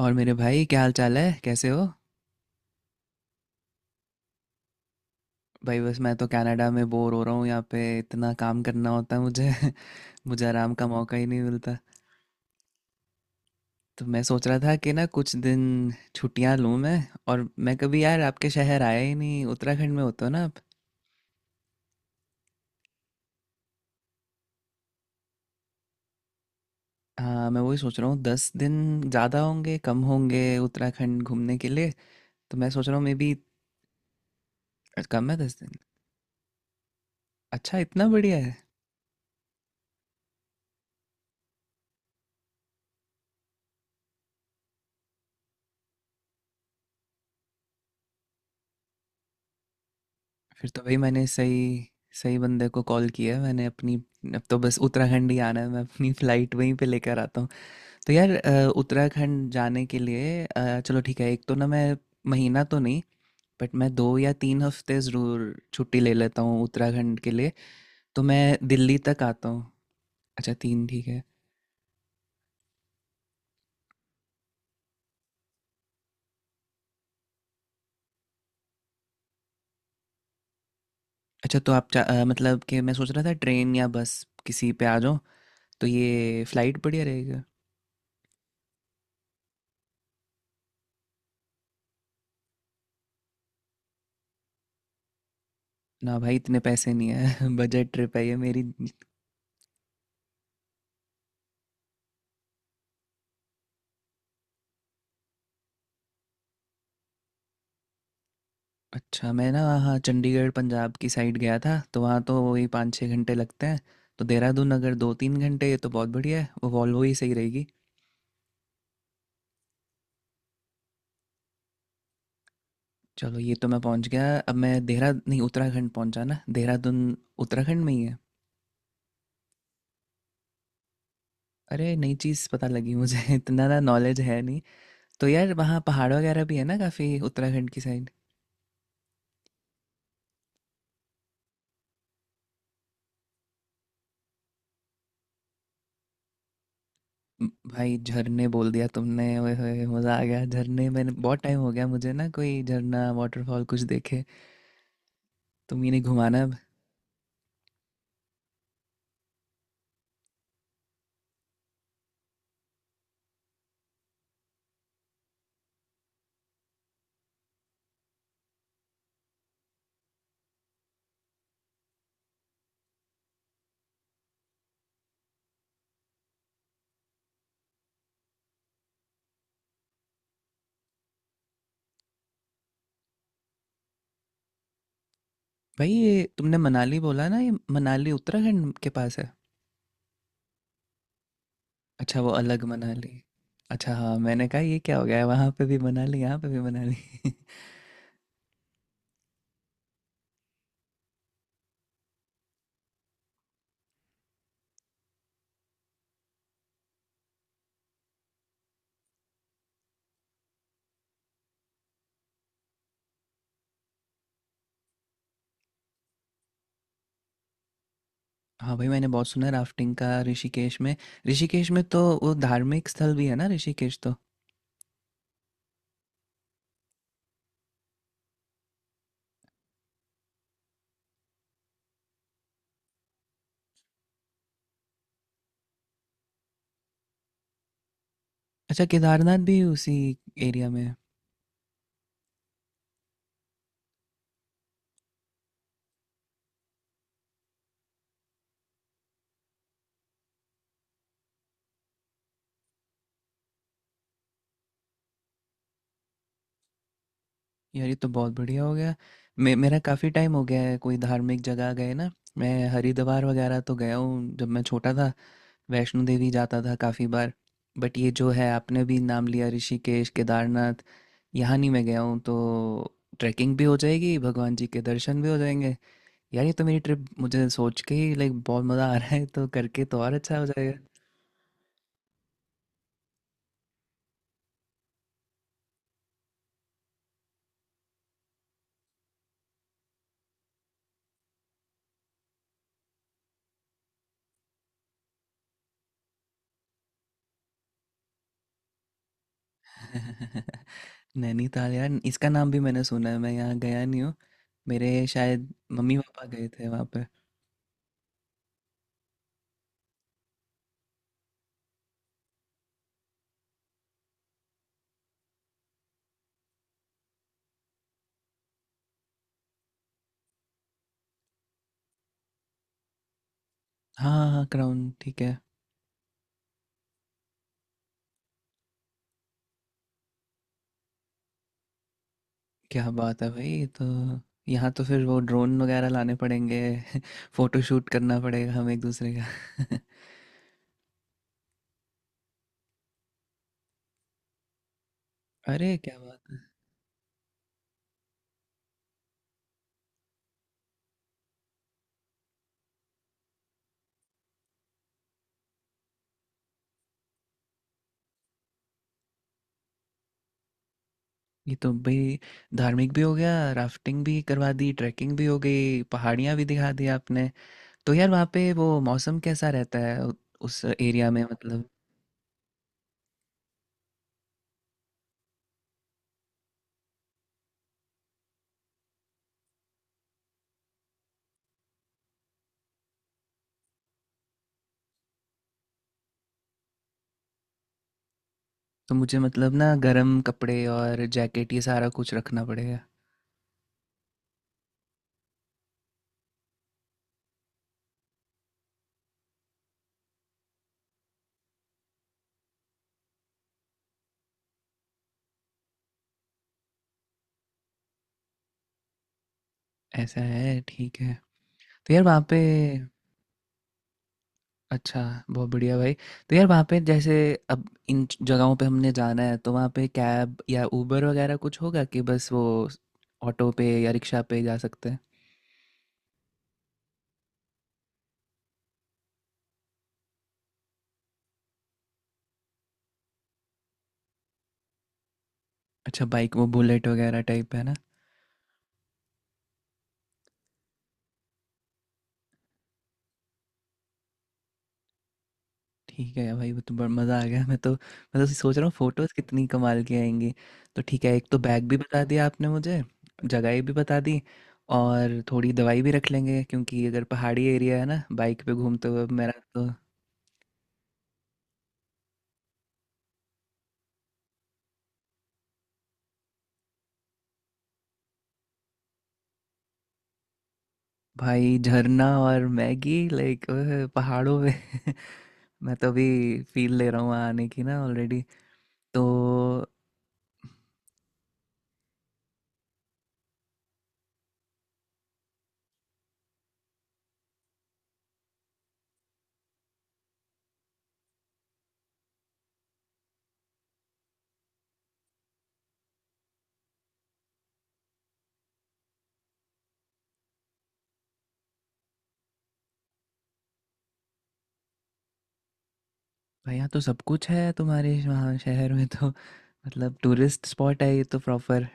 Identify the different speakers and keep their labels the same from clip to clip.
Speaker 1: और मेरे भाई क्या हाल चाल है कैसे हो? भाई बस मैं तो कनाडा में बोर हो रहा हूँ यहाँ पे इतना काम करना होता है मुझे मुझे आराम का मौका ही नहीं मिलता। तो मैं सोच रहा था कि ना कुछ दिन छुट्टियाँ लूँ मैं। और मैं कभी यार आपके शहर आया ही नहीं, उत्तराखंड में होते हो ना आप। हाँ मैं वही सोच रहा हूँ, 10 दिन ज़्यादा होंगे कम होंगे उत्तराखंड घूमने के लिए। तो मैं सोच रहा हूँ मे बी कम है 10 दिन। अच्छा इतना बढ़िया है। फिर तो भाई मैंने सही सही बंदे को कॉल किया है। मैंने अपनी, अब तो बस उत्तराखंड ही आना है, मैं अपनी फ़्लाइट वहीं पे लेकर आता हूँ। तो यार उत्तराखंड जाने के लिए चलो ठीक है। एक तो ना मैं महीना तो नहीं बट मैं 2 या 3 हफ्ते ज़रूर छुट्टी ले लेता हूँ उत्तराखंड के लिए। तो मैं दिल्ली तक आता हूँ। अच्छा तीन ठीक है। अच्छा तो आप मतलब कि मैं सोच रहा था ट्रेन या बस किसी पे आ जाऊँ। तो ये फ़्लाइट बढ़िया रहेगा। ना भाई इतने पैसे नहीं है बजट ट्रिप है ये मेरी। अच्छा मैं ना वहाँ चंडीगढ़ पंजाब की साइड गया था, तो वहाँ तो वही 5-6 घंटे लगते हैं। तो देहरादून अगर 2-3 घंटे, ये तो बहुत बढ़िया है, वो वॉल्वो ही सही रहेगी। चलो ये तो मैं पहुँच गया। अब मैं देहरा नहीं, उत्तराखंड पहुँचा ना, देहरादून उत्तराखंड में ही है। अरे नई चीज़ पता लगी मुझे इतना ना नॉलेज है नहीं। तो यार वहाँ पहाड़ वगैरह भी है ना काफ़ी, उत्तराखंड की साइड। भाई झरने बोल दिया तुमने, ओए होए मज़ा आ गया। झरने मैंने बहुत टाइम हो गया, मुझे ना कोई झरना वाटरफॉल कुछ देखे। तुम ही नहीं घुमाना। भाई ये तुमने मनाली बोला ना, ये मनाली उत्तराखंड के पास है? अच्छा वो अलग मनाली। अच्छा हाँ, मैंने कहा ये क्या हो गया है, वहाँ पे भी मनाली यहाँ पे भी मनाली। हाँ भाई, मैंने बहुत सुना है राफ्टिंग का ऋषिकेश में। ऋषिकेश में तो वो धार्मिक स्थल भी है ना ऋषिकेश तो। अच्छा केदारनाथ भी उसी एरिया में है? यार ये तो बहुत बढ़िया हो गया। मे मेरा काफ़ी टाइम हो गया है कोई धार्मिक जगह गए ना। मैं हरिद्वार वगैरह तो गया हूँ जब मैं छोटा था। वैष्णो देवी जाता था काफ़ी बार। बट ये जो है आपने भी नाम लिया, ऋषिकेश केदारनाथ यहाँ नहीं मैं गया हूँ, तो ट्रैकिंग भी हो जाएगी, भगवान जी के दर्शन भी हो जाएंगे। यार ये तो मेरी ट्रिप मुझे सोच के ही लाइक बहुत मज़ा आ रहा है, तो करके तो और अच्छा हो जाएगा। नैनीताल यार, इसका नाम भी मैंने सुना है, मैं यहाँ गया नहीं हूँ। मेरे शायद मम्मी पापा गए थे वहाँ पे। हाँ हाँ, क्राउन ठीक है। क्या बात है भाई! तो यहाँ तो फिर वो ड्रोन वगैरह लाने पड़ेंगे फोटो शूट करना पड़ेगा हम एक दूसरे का। अरे क्या बात है! ये तो भाई धार्मिक भी हो गया, राफ्टिंग भी करवा दी, ट्रैकिंग भी हो गई, पहाड़ियाँ भी दिखा दी आपने। तो यार वहाँ पे वो मौसम कैसा रहता है उस एरिया में मतलब? तो मुझे मतलब ना गर्म कपड़े और जैकेट ये सारा कुछ रखना पड़ेगा। ऐसा है, ठीक है। तो यार वहाँ पे, अच्छा बहुत बढ़िया भाई। तो यार वहाँ पे जैसे अब इन जगहों पे हमने जाना है, तो वहाँ पे कैब या उबर वगैरह कुछ होगा कि बस वो ऑटो पे या रिक्शा पे जा सकते हैं? अच्छा बाइक वो बुलेट वगैरह टाइप है ना। ठीक है भाई वो तो बड़ा मज़ा आ गया। मैं तो सोच रहा हूँ फोटोज़ कितनी कमाल की आएंगी। तो ठीक है, एक तो बैग भी बता दिया आपने मुझे, जगह भी बता दी। और थोड़ी दवाई भी रख लेंगे, क्योंकि अगर पहाड़ी एरिया है ना बाइक पे घूमते हुए मेरा तो। भाई झरना और मैगी, लाइक पहाड़ों में! मैं तो अभी फील ले रहा हूँ वहाँ आने की ना ऑलरेडी। तो भाई यहाँ तो सब कुछ है तुम्हारे वहाँ शहर में तो मतलब टूरिस्ट स्पॉट है ये तो प्रॉपर।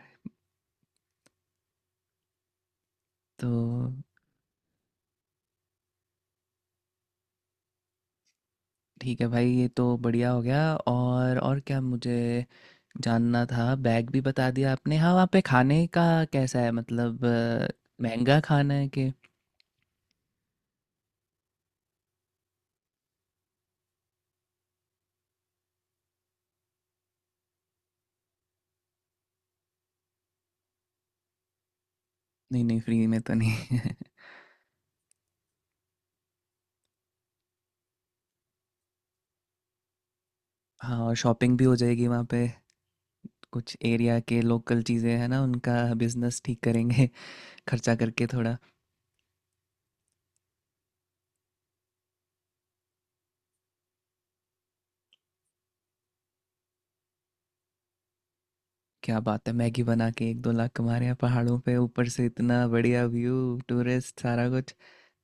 Speaker 1: तो ठीक है भाई, ये तो बढ़िया हो गया। और क्या मुझे जानना था, बैग भी बता दिया आपने। हाँ वहाँ पे खाने का कैसा है, मतलब महंगा खाना है कि? नहीं नहीं, फ्री में तो नहीं हाँ और शॉपिंग भी हो जाएगी वहाँ पे, कुछ एरिया के लोकल चीज़ें हैं ना उनका बिजनेस ठीक करेंगे, खर्चा करके थोड़ा। क्या बात है! मैगी बना के 1-2 लाख कमा रहे हैं पहाड़ों पे, ऊपर से इतना बढ़िया व्यू, टूरिस्ट, सारा कुछ,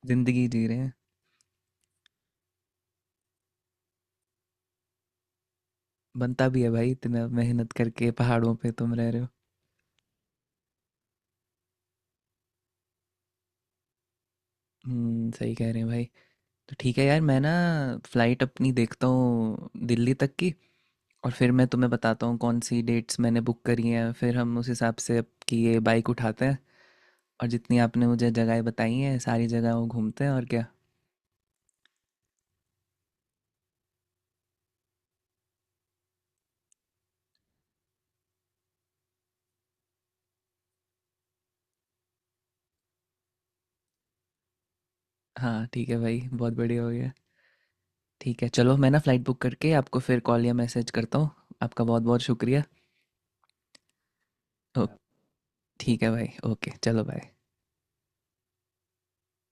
Speaker 1: जिंदगी जी रहे हैं। बनता भी है भाई, इतना मेहनत करके पहाड़ों पे तुम रह रहे हो। सही कह रहे हैं भाई। तो ठीक है यार, मैं ना फ्लाइट अपनी देखता हूँ दिल्ली तक की, और फिर मैं तुम्हें बताता हूँ कौन सी डेट्स मैंने बुक करी हैं, फिर हम उस हिसाब से आपकी ये बाइक उठाते हैं। और जितनी आपने मुझे जगहें बताई हैं सारी जगहों घूमते हैं और क्या। हाँ ठीक है भाई, बहुत बढ़िया हो गया। ठीक है चलो, मैं ना फ़्लाइट बुक करके आपको फिर कॉल या मैसेज करता हूँ। आपका बहुत बहुत शुक्रिया। ओ ठीक है भाई, ओके चलो बाय।